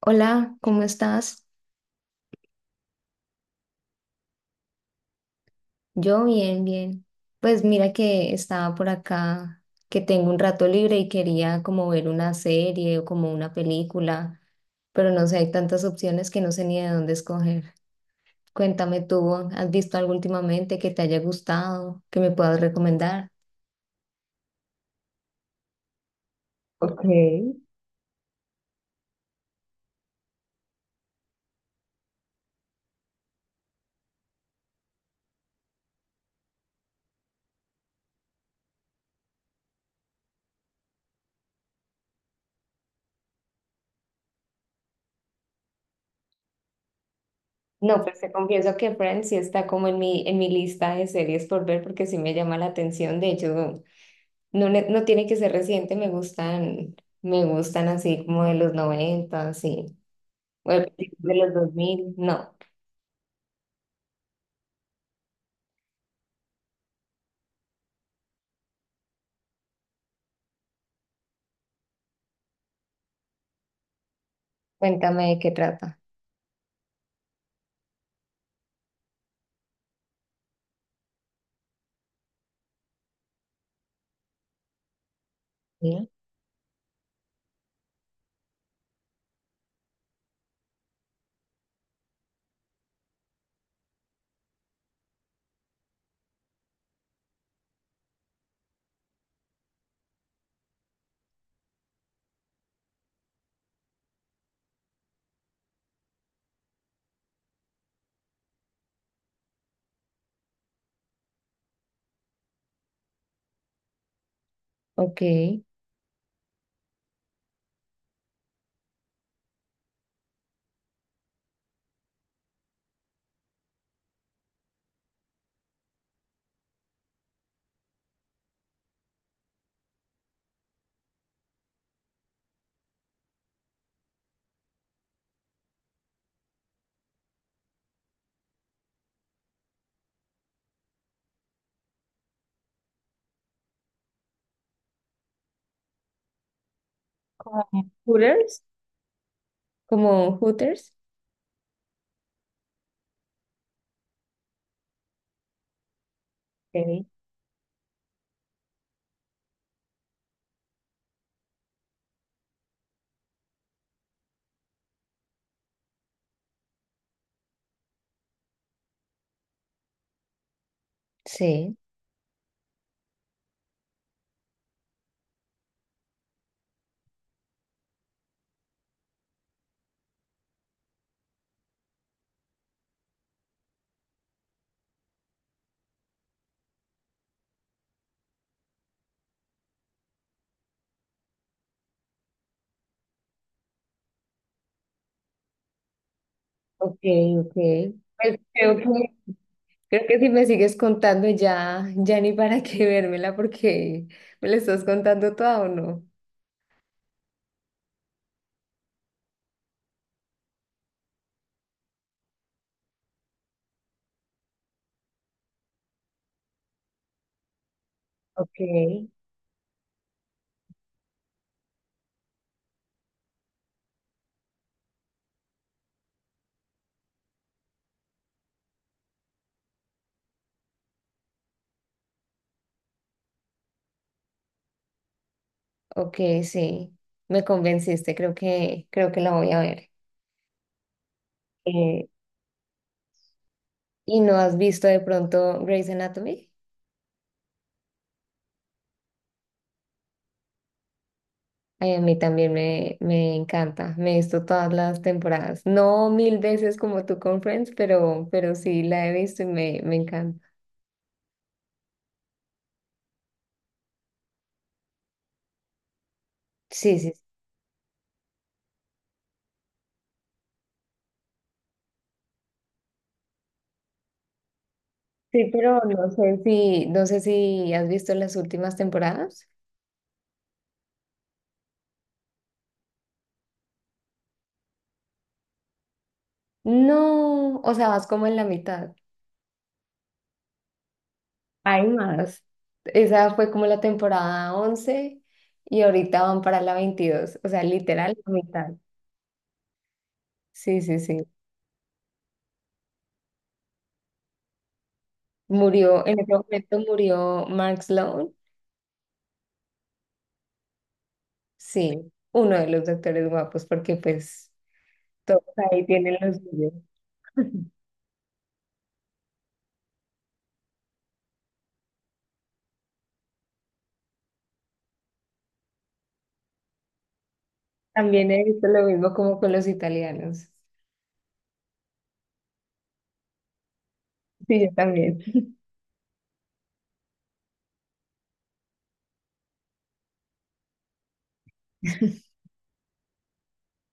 Hola, ¿cómo estás? Yo bien, bien. Pues mira que estaba por acá, que tengo un rato libre y quería como ver una serie o como una película, pero no sé, hay tantas opciones que no sé ni de dónde escoger. Cuéntame tú, ¿has visto algo últimamente que te haya gustado, que me puedas recomendar? Ok. No, pues te confieso que Friends sí está como en mi lista de series por ver porque sí me llama la atención. De hecho, no, no tiene que ser reciente, me gustan así como de los 90, así, o de los 2000 no. Cuéntame de qué trata. ¿Sí? Ok. Como Hooters. ¿Como Hooters? Ok. Sí. Ok, ok. Pues creo que si me sigues contando ya, ya ni para qué vérmela porque me la estás contando toda o no. Ok. Ok, sí, me convenciste, creo que la voy a ver. ¿Y no has visto de pronto Grey's Anatomy? Ay, a mí también me encanta. Me he visto todas las temporadas. No mil veces como tú con Friends, pero sí la he visto y me encanta. Sí, sí. Sí, pero no sé si, no sé si has visto las últimas temporadas. No, o sea, vas como en la mitad. Hay más. Esa fue como la temporada 11 y ahorita van para la 22. O sea, literal, la mitad. Sí, sí, sí. Murió, en ese momento murió Max Lone, sí, uno de los doctores guapos, porque pues todos ahí tienen los suyos. También he visto lo mismo como con los italianos. Sí, yo también.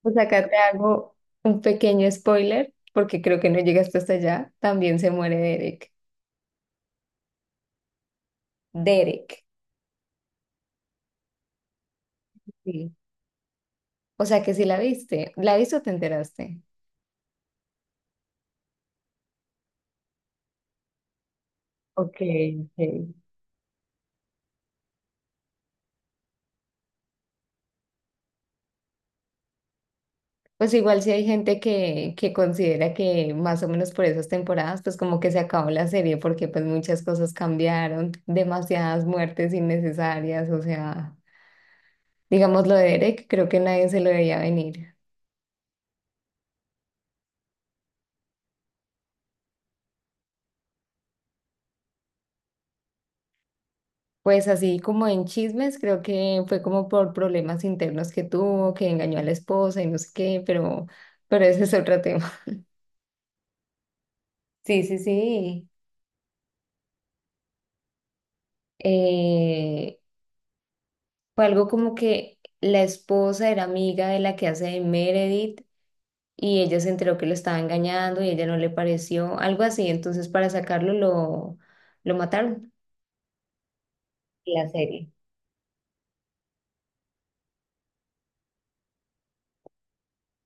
Pues acá te hago un pequeño spoiler, porque creo que no llegaste hasta allá. También se muere Derek. Derek, sí. O sea que sí la viste. ¿La viste o te enteraste? Ok, ok. Pues igual si hay gente que considera que más o menos por esas temporadas, pues como que se acabó la serie porque pues muchas cosas cambiaron, demasiadas muertes innecesarias, o sea, digamos lo de Derek, creo que nadie se lo veía venir. Pues así como en chismes, creo que fue como por problemas internos que tuvo, que engañó a la esposa y no sé qué, pero ese es otro tema. Sí, sí, sí. Eh, fue algo como que la esposa era amiga de la que hace de Meredith y ella se enteró que lo estaba engañando y ella no le pareció, algo así. Entonces, para sacarlo, lo mataron. La serie,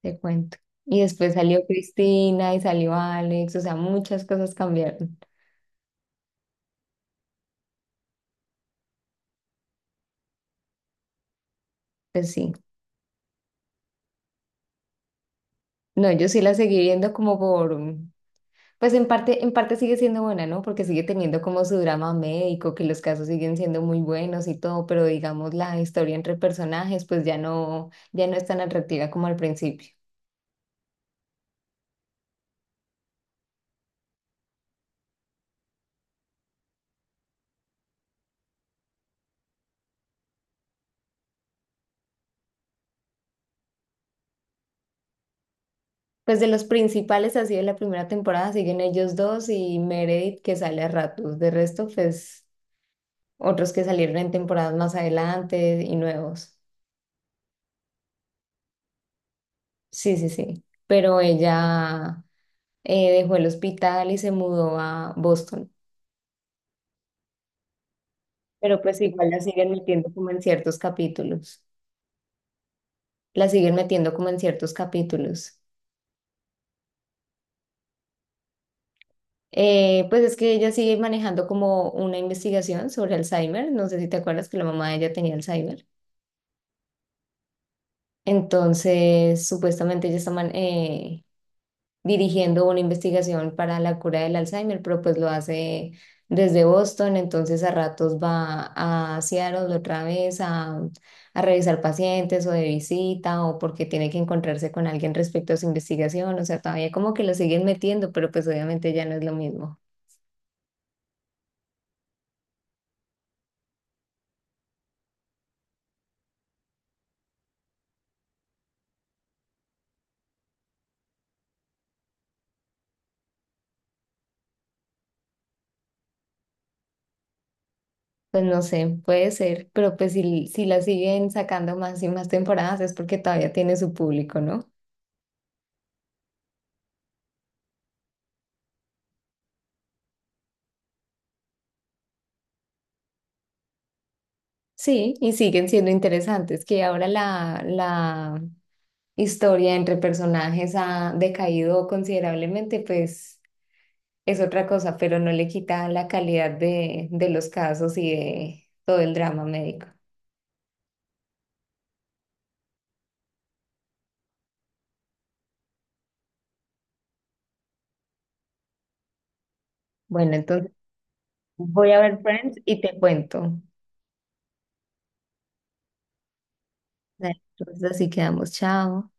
te cuento. Y después salió Cristina y salió Alex, o sea, muchas cosas cambiaron. Pues sí. No, yo sí la seguí viendo como por, mm, pues en parte sigue siendo buena, ¿no? Porque sigue teniendo como su drama médico, que los casos siguen siendo muy buenos y todo, pero digamos la historia entre personajes, pues ya no, ya no es tan atractiva como al principio. Pues de los principales así de la primera temporada siguen ellos dos y Meredith que sale a ratos. De resto, pues otros que salieron en temporadas más adelante y nuevos. Sí, sí, sí. Pero ella dejó el hospital y se mudó a Boston. Pero pues igual la siguen metiendo como en ciertos capítulos. La siguen metiendo como en ciertos capítulos. Pues es que ella sigue manejando como una investigación sobre Alzheimer. No sé si te acuerdas que la mamá de ella tenía Alzheimer. Entonces, supuestamente ella está dirigiendo una investigación para la cura del Alzheimer, pero pues lo hace desde Boston, entonces a ratos va a Seattle otra vez a revisar pacientes o de visita o porque tiene que encontrarse con alguien respecto a su investigación, o sea, todavía como que lo siguen metiendo, pero pues obviamente ya no es lo mismo. Pues no sé, puede ser, pero pues si, si la siguen sacando más y más temporadas es porque todavía tiene su público, ¿no? Sí, y siguen siendo interesantes, que ahora la historia entre personajes ha decaído considerablemente, pues es otra cosa, pero no le quita la calidad de los casos y de todo el drama médico. Bueno, entonces voy a ver Friends y te cuento. Dale, entonces así quedamos, chao.